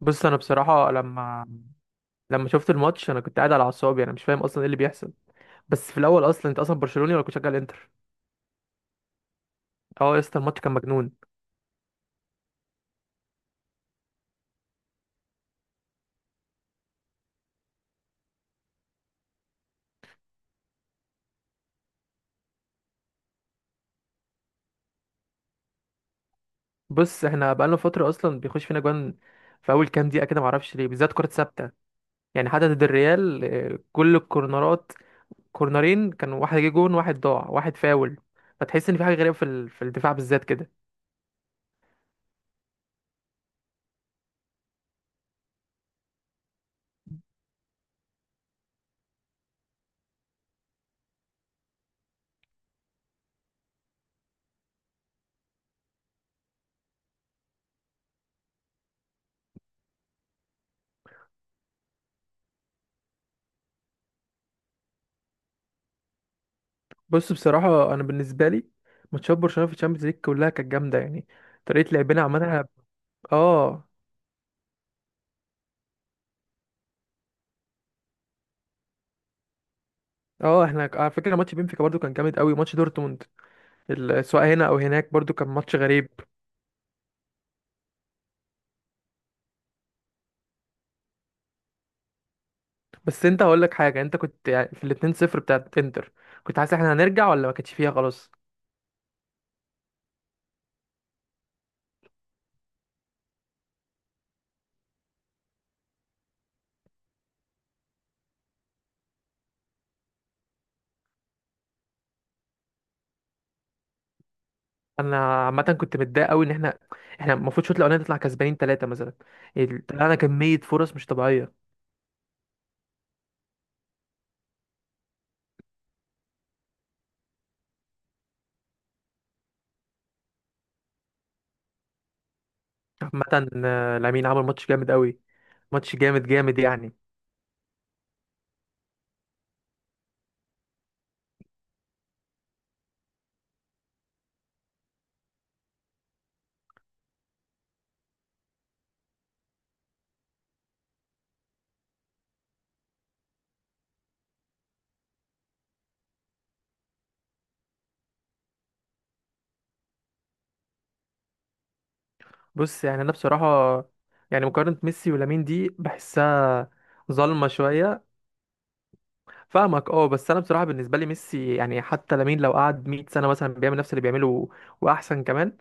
بص انا بصراحه لما شفت الماتش، انا كنت قاعد على اعصابي. انا مش فاهم اصلا ايه اللي بيحصل. بس في الاول، اصلا انت اصلا برشلوني ولا كنت شغال انتر؟ اه يا اسطى، الماتش كان مجنون. بص، احنا بقالنا فتره اصلا بيخش فينا جوان في اول كام دقيقه كده، معرفش ليه، بالذات كره ثابته. يعني حتى ضد الريال، كل الكورنرات، كورنرين كان، واحد جه جون، واحد ضاع، واحد فاول. فتحس ان في حاجه غريبه في الدفاع بالذات كده. بص بصراحه، انا بالنسبه لي ماتشات برشلونه في الشامبيونز ليج كلها كانت جامده يعني، طريقه لعبنا عملها. اه. احنا على فكره ماتش بنفيكا برضو كان جامد قوي، ماتش دورتموند، سواء هنا او هناك، برضو كان ماتش غريب. بس انت هقول لك حاجه، انت كنت يعني في الاتنين صفر بتاعت انتر كنت حاسس احنا هنرجع ولا ما كانتش فيها خلاص؟ انا عامه كنت متضايق قوي ان احنا المفروض الشوط الاولاني نطلع كسبانين ثلاثه مثلا. طلعنا كميه فرص مش طبيعيه. عامه لامين عمل ماتش جامد قوي، ماتش جامد جامد يعني. بص يعني انا بصراحه، يعني مقارنه ميسي ولامين دي بحسها ظالمه شويه. فاهمك اه، بس انا بصراحه بالنسبه لي ميسي يعني، حتى لامين لو قعد 100 سنه مثلا بيعمل نفس اللي بيعمله واحسن كمان،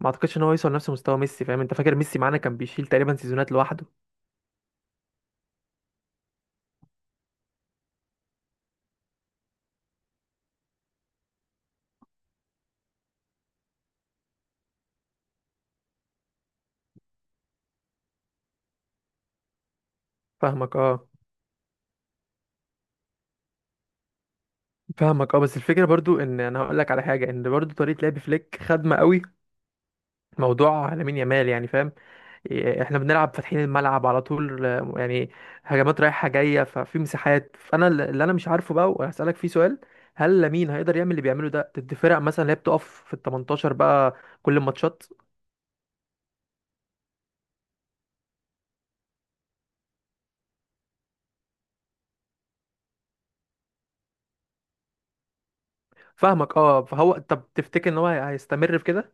ما اعتقدش ان هو يوصل لنفس مستوى ميسي. فاهم؟ انت فاكر ميسي معانا كان بيشيل تقريبا سيزونات لوحده. فاهمك اه. فاهمك اه، بس الفكره برضو ان انا هقول لك على حاجه، ان برضو طريقه لعب فليك خدمه قوي موضوع لامين يامال يعني، فاهم؟ احنا بنلعب فاتحين الملعب على طول يعني هجمات رايحة جاية، ففي مساحات. اللي انا مش عارفه بقى وهسألك فيه سؤال، هل لامين هيقدر يعمل اللي بيعمله ده ضد فرق مثلا اللي هي بتقف في ال 18 بقى، كل الماتشات؟ فاهمك اه. فهو، طب تفتكر ان هو هيستمر في كده؟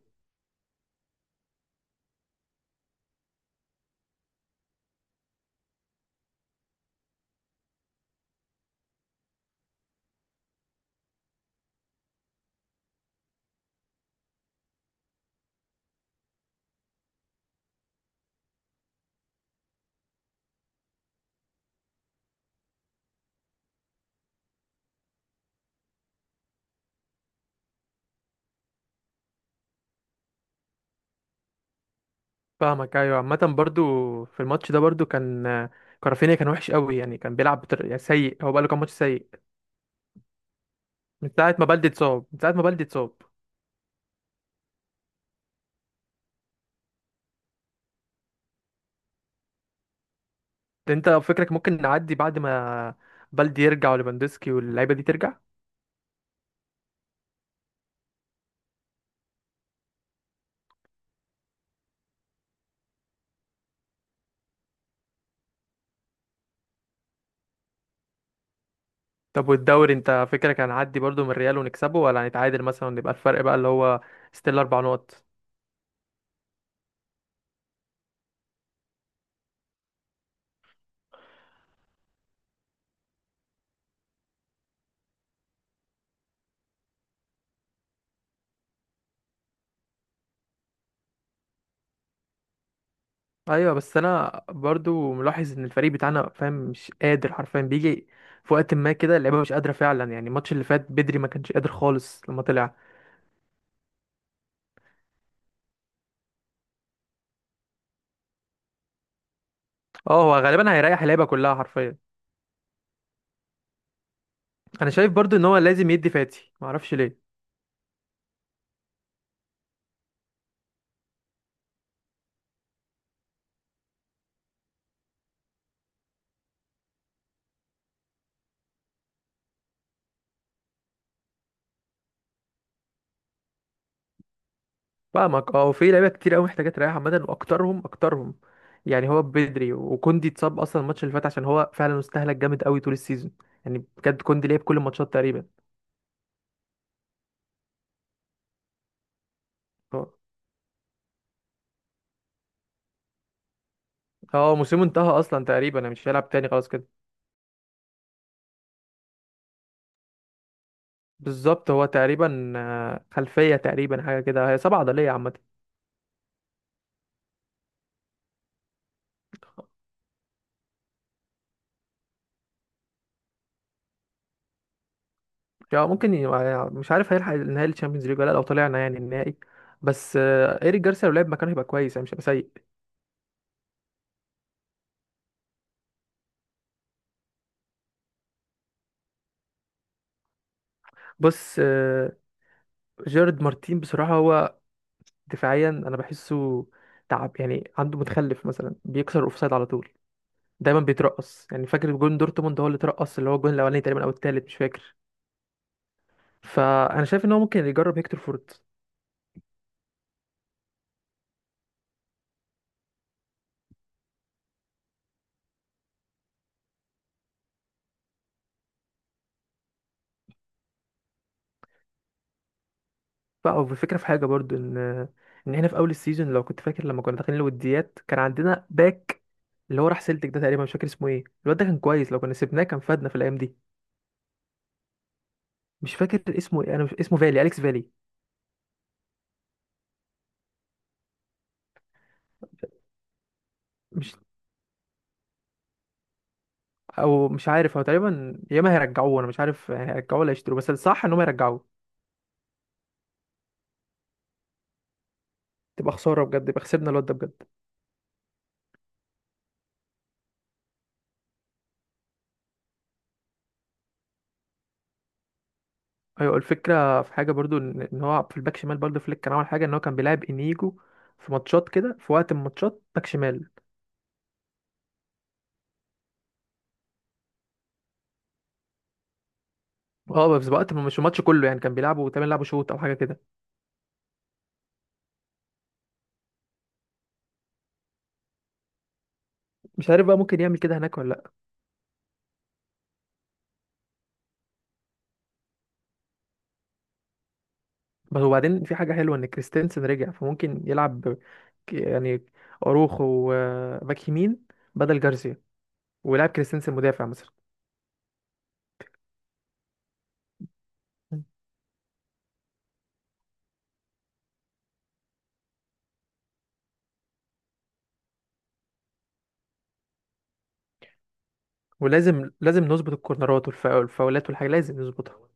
فاهمك ايوه. عامة برضو في الماتش ده برضو كان كرافينيا كان وحش قوي يعني، كان يعني سيء، هو بقاله كام ماتش سيء. من ساعة ما بلدي اتصاب من ساعة ما بلدي اتصاب انت فكرك ممكن نعدي بعد ما بلدي يرجع وليفاندوسكي واللعيبة دي ترجع؟ طب والدوري، انت فكرك هنعدي برضو من الريال ونكسبه ولا هنتعادل مثلا ونبقى الفرق بقى اللي هو ستيل اربع نقط؟ ايوه بس انا برضو ملاحظ ان الفريق بتاعنا، فاهم، مش قادر حرفيا. بيجي في وقت ما كده اللعيبه مش قادره فعلا، يعني الماتش اللي فات بدري ما كانش قادر خالص لما طلع. اه هو غالبا هيريح اللعيبه كلها حرفيا. انا شايف برضو ان هو لازم يدي فاتي، ما اعرفش ليه. فاهمك اه، في لعيبه كتير قوي محتاجه تريح عامه، واكترهم يعني هو بدري، وكوندي اتصاب اصلا الماتش اللي فات، عشان هو فعلا استهلك جامد قوي طول السيزون. يعني بجد كوندي لعب كل الماتشات تقريبا. اه. موسمه انتهى اصلا تقريبا، انا مش هيلعب تاني خلاص كده. بالظبط، هو تقريبا خلفيه تقريبا، حاجه كده هي سبعه عضليه عامه. يعني ممكن مش عارف هيلحق النهائي الشامبيونز ليج ولا لأ، لو طلعنا يعني النهائي. بس ايريك جارسيا لو لعب مكانه هيبقى كويس يعني، مش هيبقى سيء. بص جيرارد مارتين بصراحه هو دفاعيا انا بحسه تعب يعني، عنده متخلف مثلا، بيكسر الاوفسايد على طول، دايما بيترقص. يعني فاكر جون دورتموند، هو اللي اترقص، اللي هو الجون الاولاني تقريبا او التالت، مش فاكر. فانا شايف ان هو ممكن يجرب هيكتور فورت. بقى الفكره في حاجه برضو، ان احنا في اول السيزون، لو كنت فاكر لما كنا داخلين الوديات، كان عندنا باك اللي هو راح سيلتك ده تقريبا، مش فاكر اسمه ايه، الواد ده كان كويس، لو كنا سيبناه كان فادنا في الايام دي. مش فاكر اسمه ايه، انا مش اسمه فالي، اليكس فالي. مش، او مش عارف، هو تقريبا يا اما هيرجعوه، انا مش عارف هيرجعوه ولا يشتروه، بس الصح ان هم يرجعوه. تبقى خساره بجد، يبقى خسرنا الواد ده بجد. ايوه، الفكره في حاجه برضو، ان هو في الباك شمال، برضو فليك كان عمل حاجه ان هو كان بيلعب انيجو في ماتشات كده، في وقت من الماتشات باك شمال. اه بس وقت مش الماتش كله يعني، كان بيلعبوا تمام، لعبوا شوط او حاجه كده. مش عارف بقى ممكن يعمل كده هناك ولا لا. بس وبعدين في حاجه حلوه ان كريستنسن رجع، فممكن يلعب يعني اروخو باك يمين بدل جارسيا، ويلعب كريستنسن مدافع مثلا. مم. ولازم نظبط الكورنرات والفاولات والحاجة لازم نظبطها.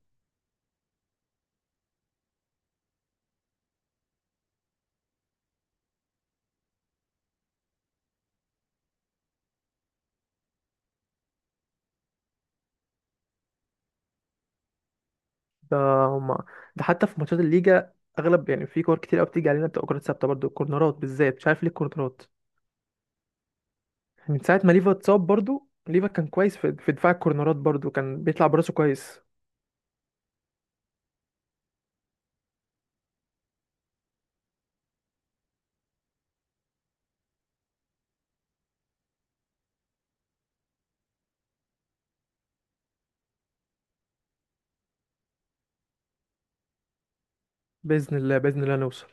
ده، هما، ده حتى في ماتشات الليجا اغلب يعني، في كور كتير قوي بتيجي علينا، بتبقى كورات ثابته برضو، الكورنرات بالذات، مش عارف ليه الكورنرات. من ساعه ما ليفا اتصاب، برضو ليفا كان كويس في دفاع الكورنرات، برضو كان بيطلع براسه كويس. باذن الله باذن الله نوصل.